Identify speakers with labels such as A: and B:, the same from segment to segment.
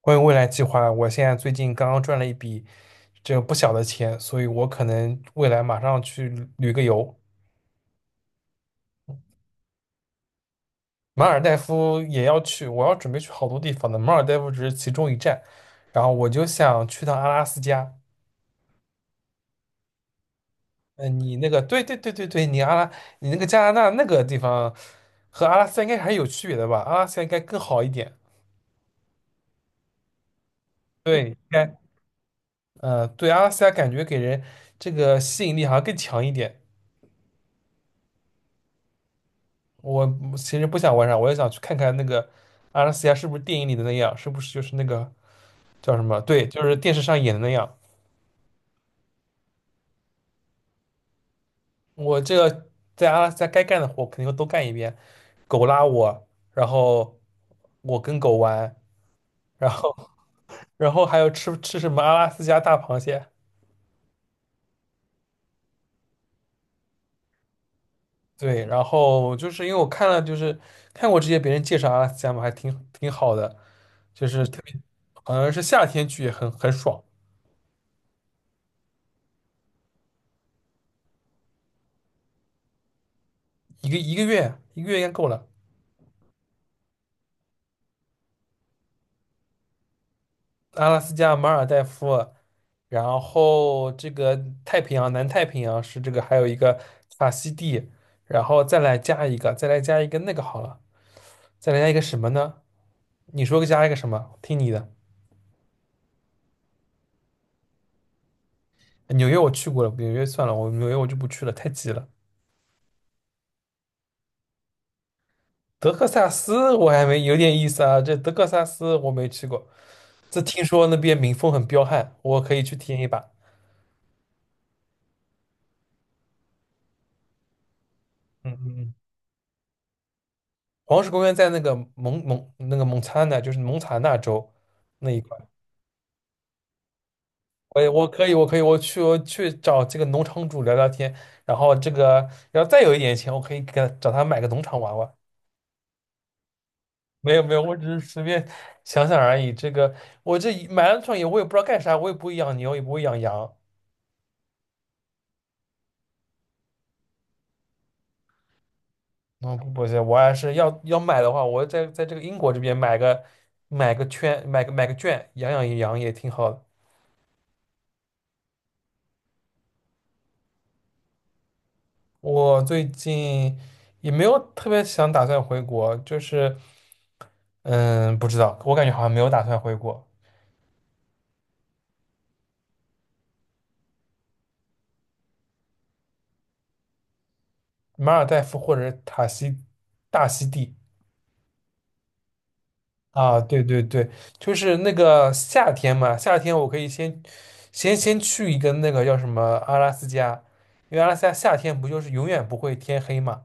A: 关于未来计划，我现在最近刚刚赚了一笔不小的钱，所以我可能未来马上去旅个游，马尔代夫也要去，我要准备去好多地方的，马尔代夫只是其中一站，然后我就想去趟阿拉斯加。嗯，你那个，对对对对对，你阿拉，你那个加拿大那个地方和阿拉斯加应该还是有区别的吧？阿拉斯加应该更好一点，对，应该，对，阿拉斯加感觉给人吸引力好像更强一点。我其实不想玩啥，我也想去看看那个阿拉斯加是不是电影里的那样，是不是就是那个叫什么？对，就是电视上演的那样。我这个在阿拉斯加该干的活肯定会都干一遍，狗拉我，然后我跟狗玩，然后 然后还有吃什么阿拉斯加大螃蟹。对，然后就是因为我看了，就是看过这些别人介绍阿拉斯加嘛，还挺好的，就是特别好像是夏天去也很爽，一个月应该够了。阿拉斯加、马尔代夫，然后太平洋、南太平洋还有一个法西地，然后再来加一个那个好了，再来加一个什么呢？你说加一个什么？听你的。纽约我去过了，纽约算了，我纽约我就不去了，太挤了。德克萨斯我还没有点意思啊，这德克萨斯我没去过，这听说那边民风很彪悍，我可以去体验一把。嗯嗯嗯。黄石公园在那个蒙蒙那个蒙查那，就是蒙塔纳州那一块。我我可以，我可以，我去找这个农场主聊聊天，然后再有一点钱，我可以给他买个农场玩玩。没有没有，我只是随便想想而已。我这一买了场也，我也不知道干啥，我也不会养牛，也不会养羊。嗯，不不行，我还是要买的话，我在这个英国这边买个买个圈，买个圈，养养羊也挺好的。我最近也没有特别想打算回国，就是嗯，不知道，我感觉好像没有打算回国。马尔代夫或者塔西大溪地。啊，对对对，就是那个夏天嘛，夏天我可以先去一个那个叫什么阿拉斯加，因为阿拉斯加夏天不就是永远不会天黑嘛，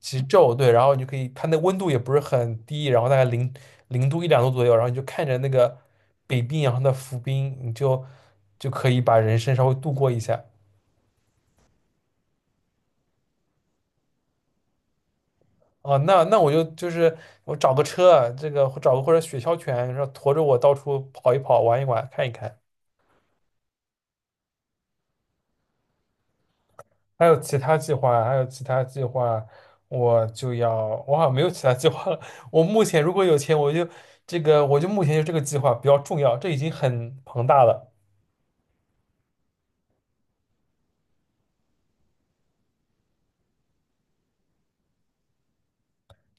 A: 极昼，对，然后你就可以，它那温度也不是很低，然后大概零度一两度左右，然后你就看着那个北冰洋的浮冰，就可以把人生稍微度过一下。啊，那我就是我找个车，找个或者雪橇犬，然后驮着我到处跑一跑，玩一玩，看一看。还有其他计划，还有其他计划，我就要，我好像没有其他计划了。我目前如果有钱，我就我就目前就这个计划比较重要，这已经很庞大了。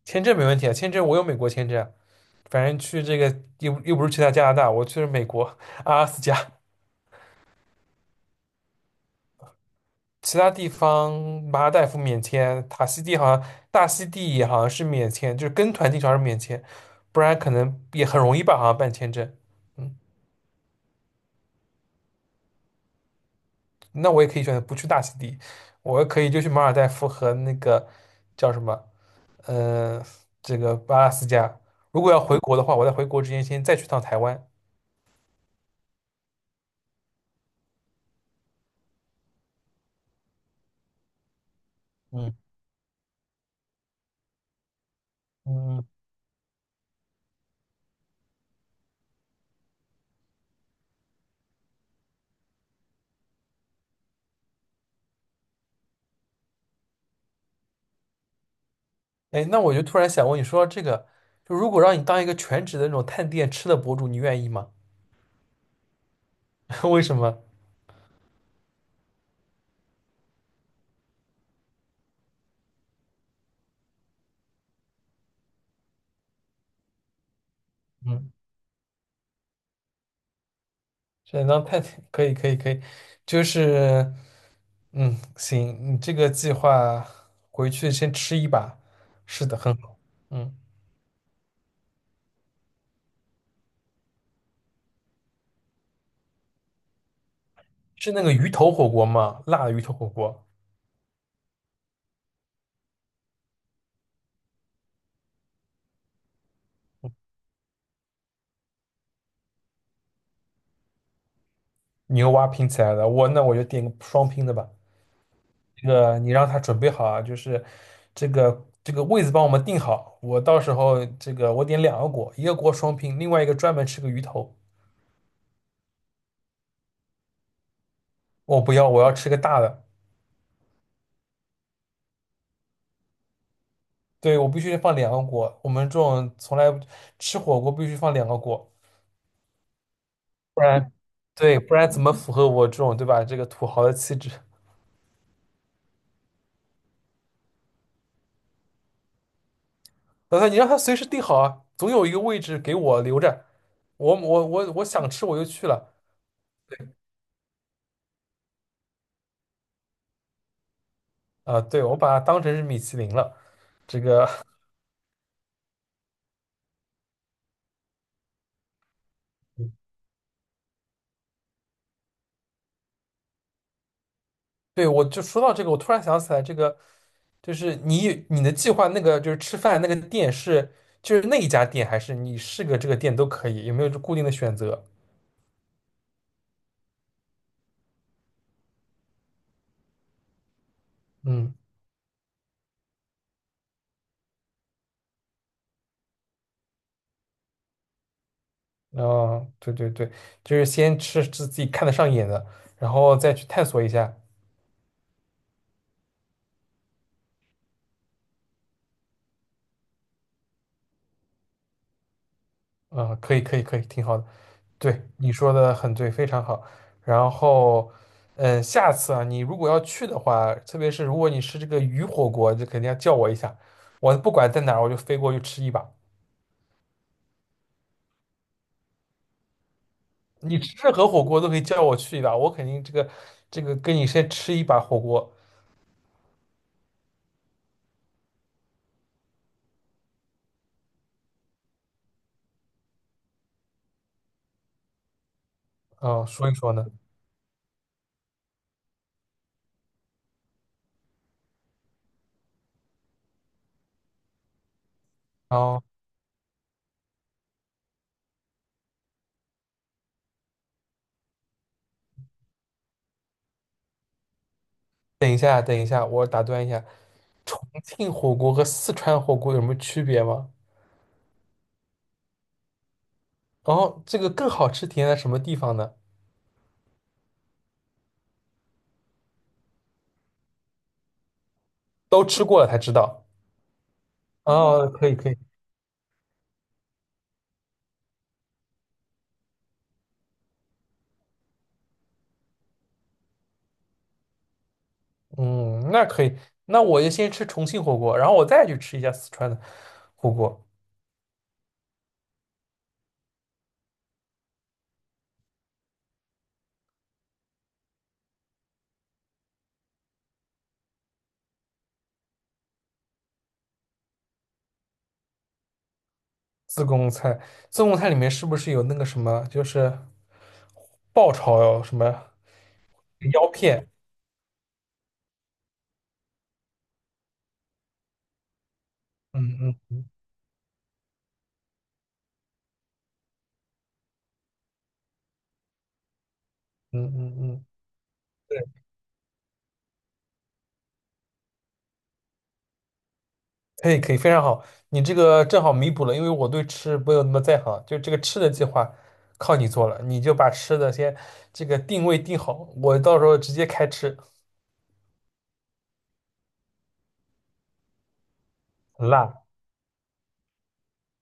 A: 签证没问题啊，签证我有美国签证啊，反正去这个又不是去他加拿大，我去了美国阿拉斯加，其他地方马尔代夫免签，塔西蒂好像大溪地也好像是免签，就是跟团进去还是免签，不然可能也很容易吧，好像办签证。嗯，那我也可以选择不去大溪地，我可以就去马尔代夫和那个叫什么，呃，这个阿拉斯加。如果要回国的话，我在回国之前先再去趟台湾。嗯。嗯。哎，那我就突然想问你说这个，就如果让你当一个全职的那种探店吃的博主，你愿意吗？为什么？嗯，想当探店，可以，可以，可以，就是嗯，行，你这个计划回去先吃一把，是的，很好。嗯，是那个鱼头火锅吗？辣的鱼头火锅，牛蛙拼起来的。那我就点个双拼的吧。你让他准备好啊，就是这个位子帮我们定好。我到时候我点两个锅，一个锅双拼，另外一个专门吃个鱼头。我不要，我要吃个大的。对，我必须放两个锅。我们这种从来吃火锅必须放两个锅，不然对，不然怎么符合我这种对吧土豪的气质？老说你让他随时定好啊，总有一个位置给我留着。我想吃我就去了。啊，对，我把它当成是米其林了，这个。对，我就说到这个，我突然想起来，这个就是你的计划那个就是吃饭那个店是就是那一家店，还是你是个这个店都可以？有没有就固定的选择？嗯，哦，对对对，就是先吃自己看得上眼的，然后再去探索一下。嗯，可以可以可以，挺好的。对，你说的很对，非常好。然后，嗯，下次啊，你如果要去的话，特别是如果你吃这个鱼火锅，就肯定要叫我一下。我不管在哪儿，我就飞过去吃一把。你吃任何火锅都可以叫我去一把，我肯定这个跟你先吃一把火锅，嗯、说一说呢。然后等一下，等一下，我打断一下，重庆火锅和四川火锅有什么区别吗？然后这个更好吃体现在什么地方呢？都吃过了才知道。哦，哦，可以可以，嗯，那可以，那我就先吃重庆火锅，然后我再去吃一下四川的火锅。自贡菜，自贡菜里面是不是有那个什么，就是爆炒什么腰片？嗯嗯。嗯嗯嗯，对，可以可以，非常好，你这个正好弥补了，因为我对吃没有那么在行，就这个吃的计划靠你做了，你就把吃的先定位定好，我到时候直接开吃。辣，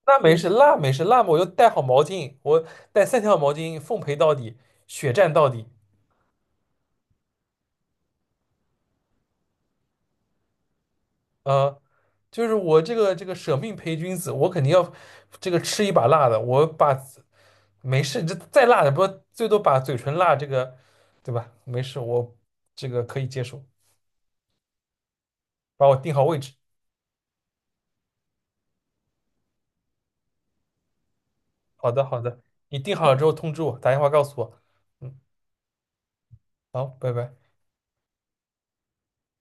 A: 那没事，辣没事，辣嘛我就带好毛巾，我带三条毛巾，奉陪到底，血战到底。呃，就是我这个舍命陪君子，我肯定要吃一把辣的。没事，这再辣的不最多把嘴唇辣这个，对吧？没事，我这个可以接受。把我定好位置。好的，好的，你定好了之后通知我，打电话告诉我。嗯，好，拜拜。